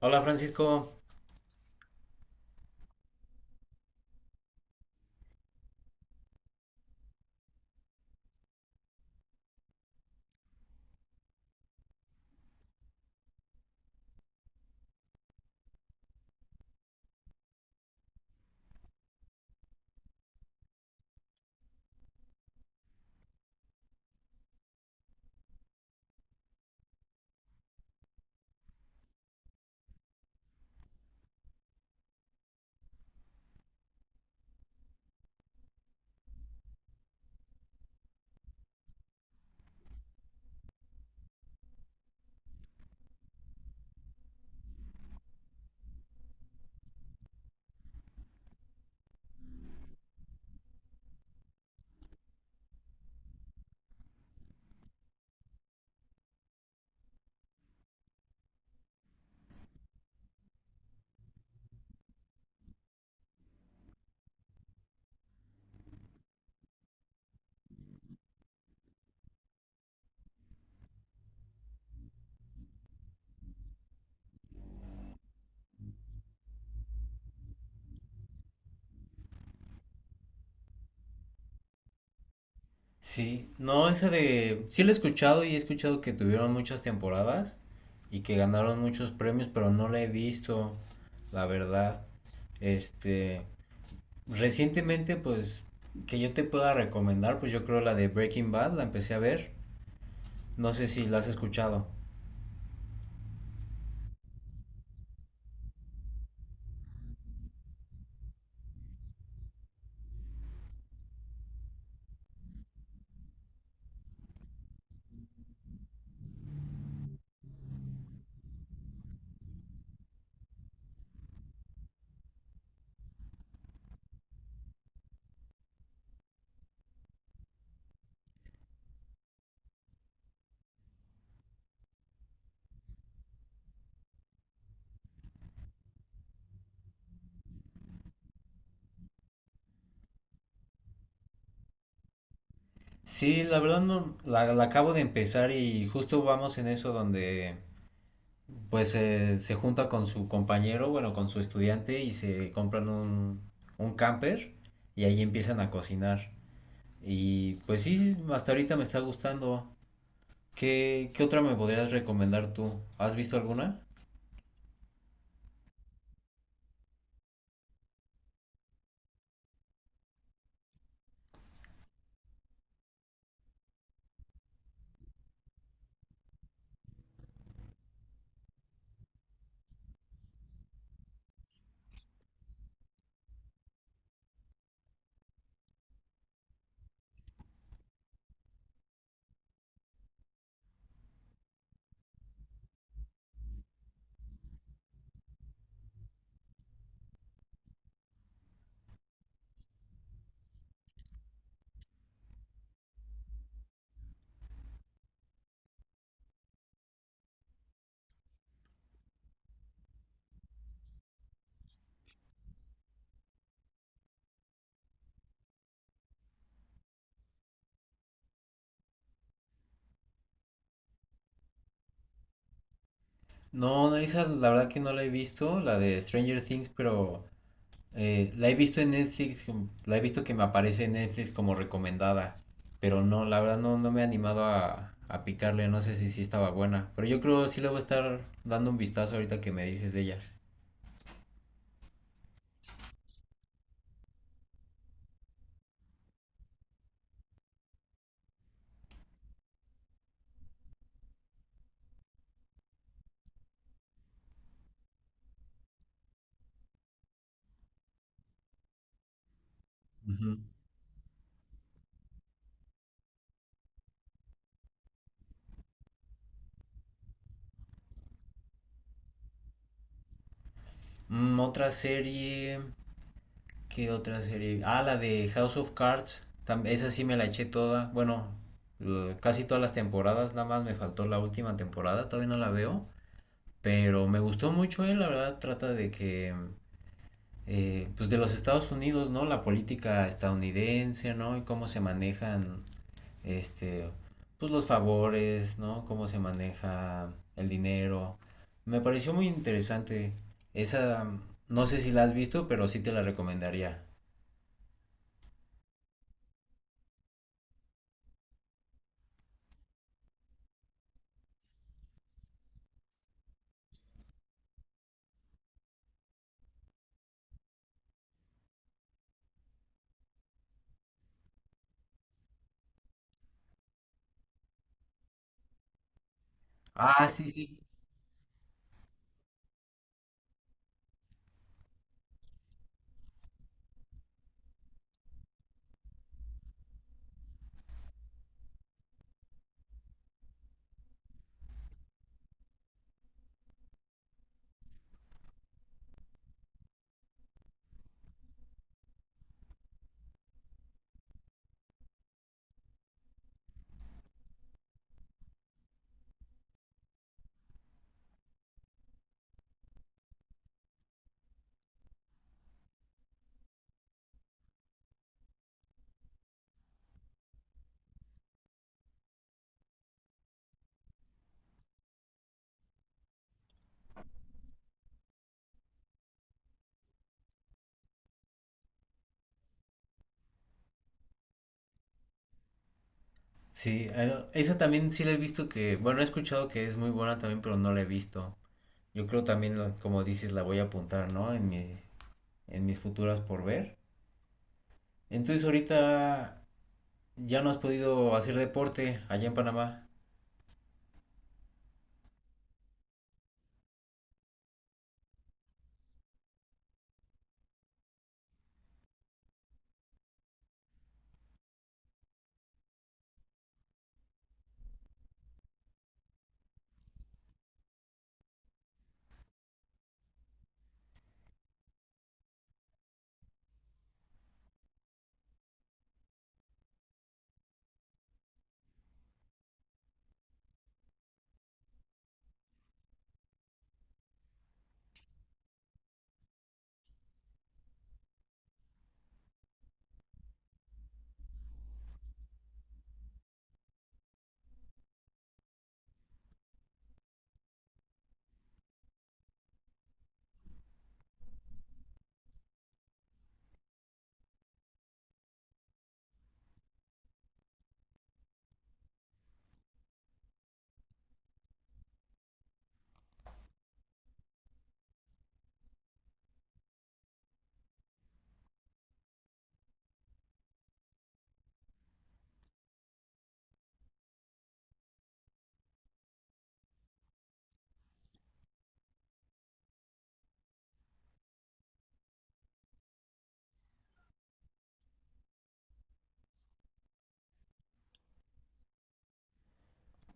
Hola Francisco. Sí, no, sí la he escuchado y he escuchado que tuvieron muchas temporadas y que ganaron muchos premios, pero no la he visto, la verdad. Este, recientemente, pues que yo te pueda recomendar, pues yo creo la de Breaking Bad, la empecé a ver. No sé si la has escuchado. Sí, la verdad no, la acabo de empezar y justo vamos en eso donde pues se junta con su compañero, bueno, con su estudiante y se compran un camper y ahí empiezan a cocinar. Y pues sí, hasta ahorita me está gustando. ¿Qué otra me podrías recomendar tú? ¿Has visto alguna? No, esa la verdad que no la he visto, la de Stranger Things, pero la he visto en Netflix, la he visto que me aparece en Netflix como recomendada, pero no, la verdad no, no me he animado a picarle, no sé si sí estaba buena, pero yo creo sí le voy a estar dando un vistazo ahorita que me dices de ella. Ujú. Otra serie, ¿qué otra serie? Ah, la de House of Cards, esa sí me la eché toda, bueno, casi todas las temporadas, nada más me faltó la última temporada, todavía no la veo, pero me gustó mucho. La verdad trata de que... pues de los Estados Unidos, ¿no? La política estadounidense, ¿no? Y cómo se manejan, este, pues los favores, ¿no? Cómo se maneja el dinero. Me pareció muy interesante. Esa, no sé si la has visto, pero sí te la recomendaría. Ah, sí, sí. Sí, esa también sí la he visto que, bueno, he escuchado que es muy buena también, pero no la he visto. Yo creo también, como dices, la voy a apuntar, ¿no? En mis futuras por ver. Entonces ahorita ya no has podido hacer deporte allá en Panamá.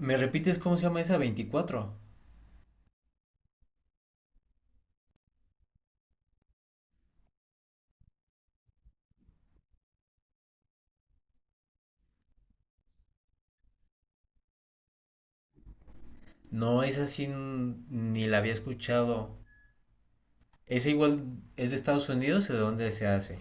¿Me repites cómo se llama esa 24? No, esa sí ni la había escuchado. ¿Esa igual es de Estados Unidos o de dónde se hace?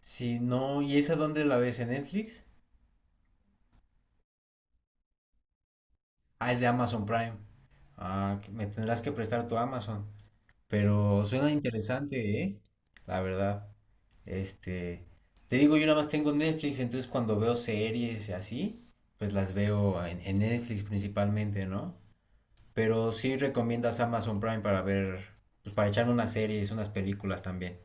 Sí, no, ¿y esa dónde la ves en Netflix? Ah, es de Amazon Prime. Ah, que me tendrás que prestar tu Amazon. Pero suena interesante, ¿eh? La verdad. Este, te digo, yo nada más tengo Netflix, entonces cuando veo series y así, pues las veo en Netflix principalmente, ¿no? Pero sí recomiendas Amazon Prime para ver, pues para echarme unas series, unas películas también.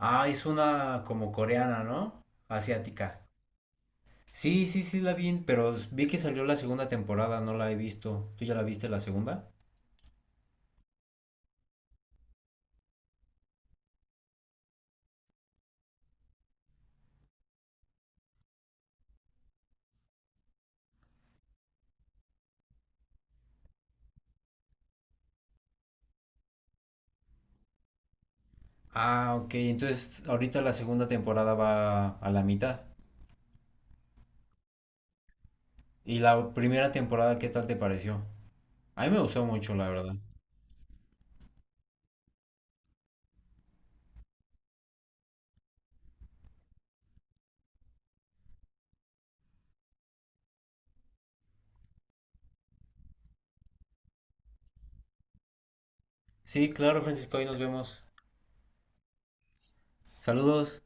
Ah, es una como coreana, ¿no? Asiática. Sí, sí, sí la vi, pero vi que salió la segunda temporada, no la he visto. ¿Tú ya la viste la segunda? Ah, ok, entonces ahorita la segunda temporada va a la mitad. ¿Y la primera temporada qué tal te pareció? A mí me gustó mucho, la verdad. Sí, claro, Francisco, ahí nos vemos. Saludos.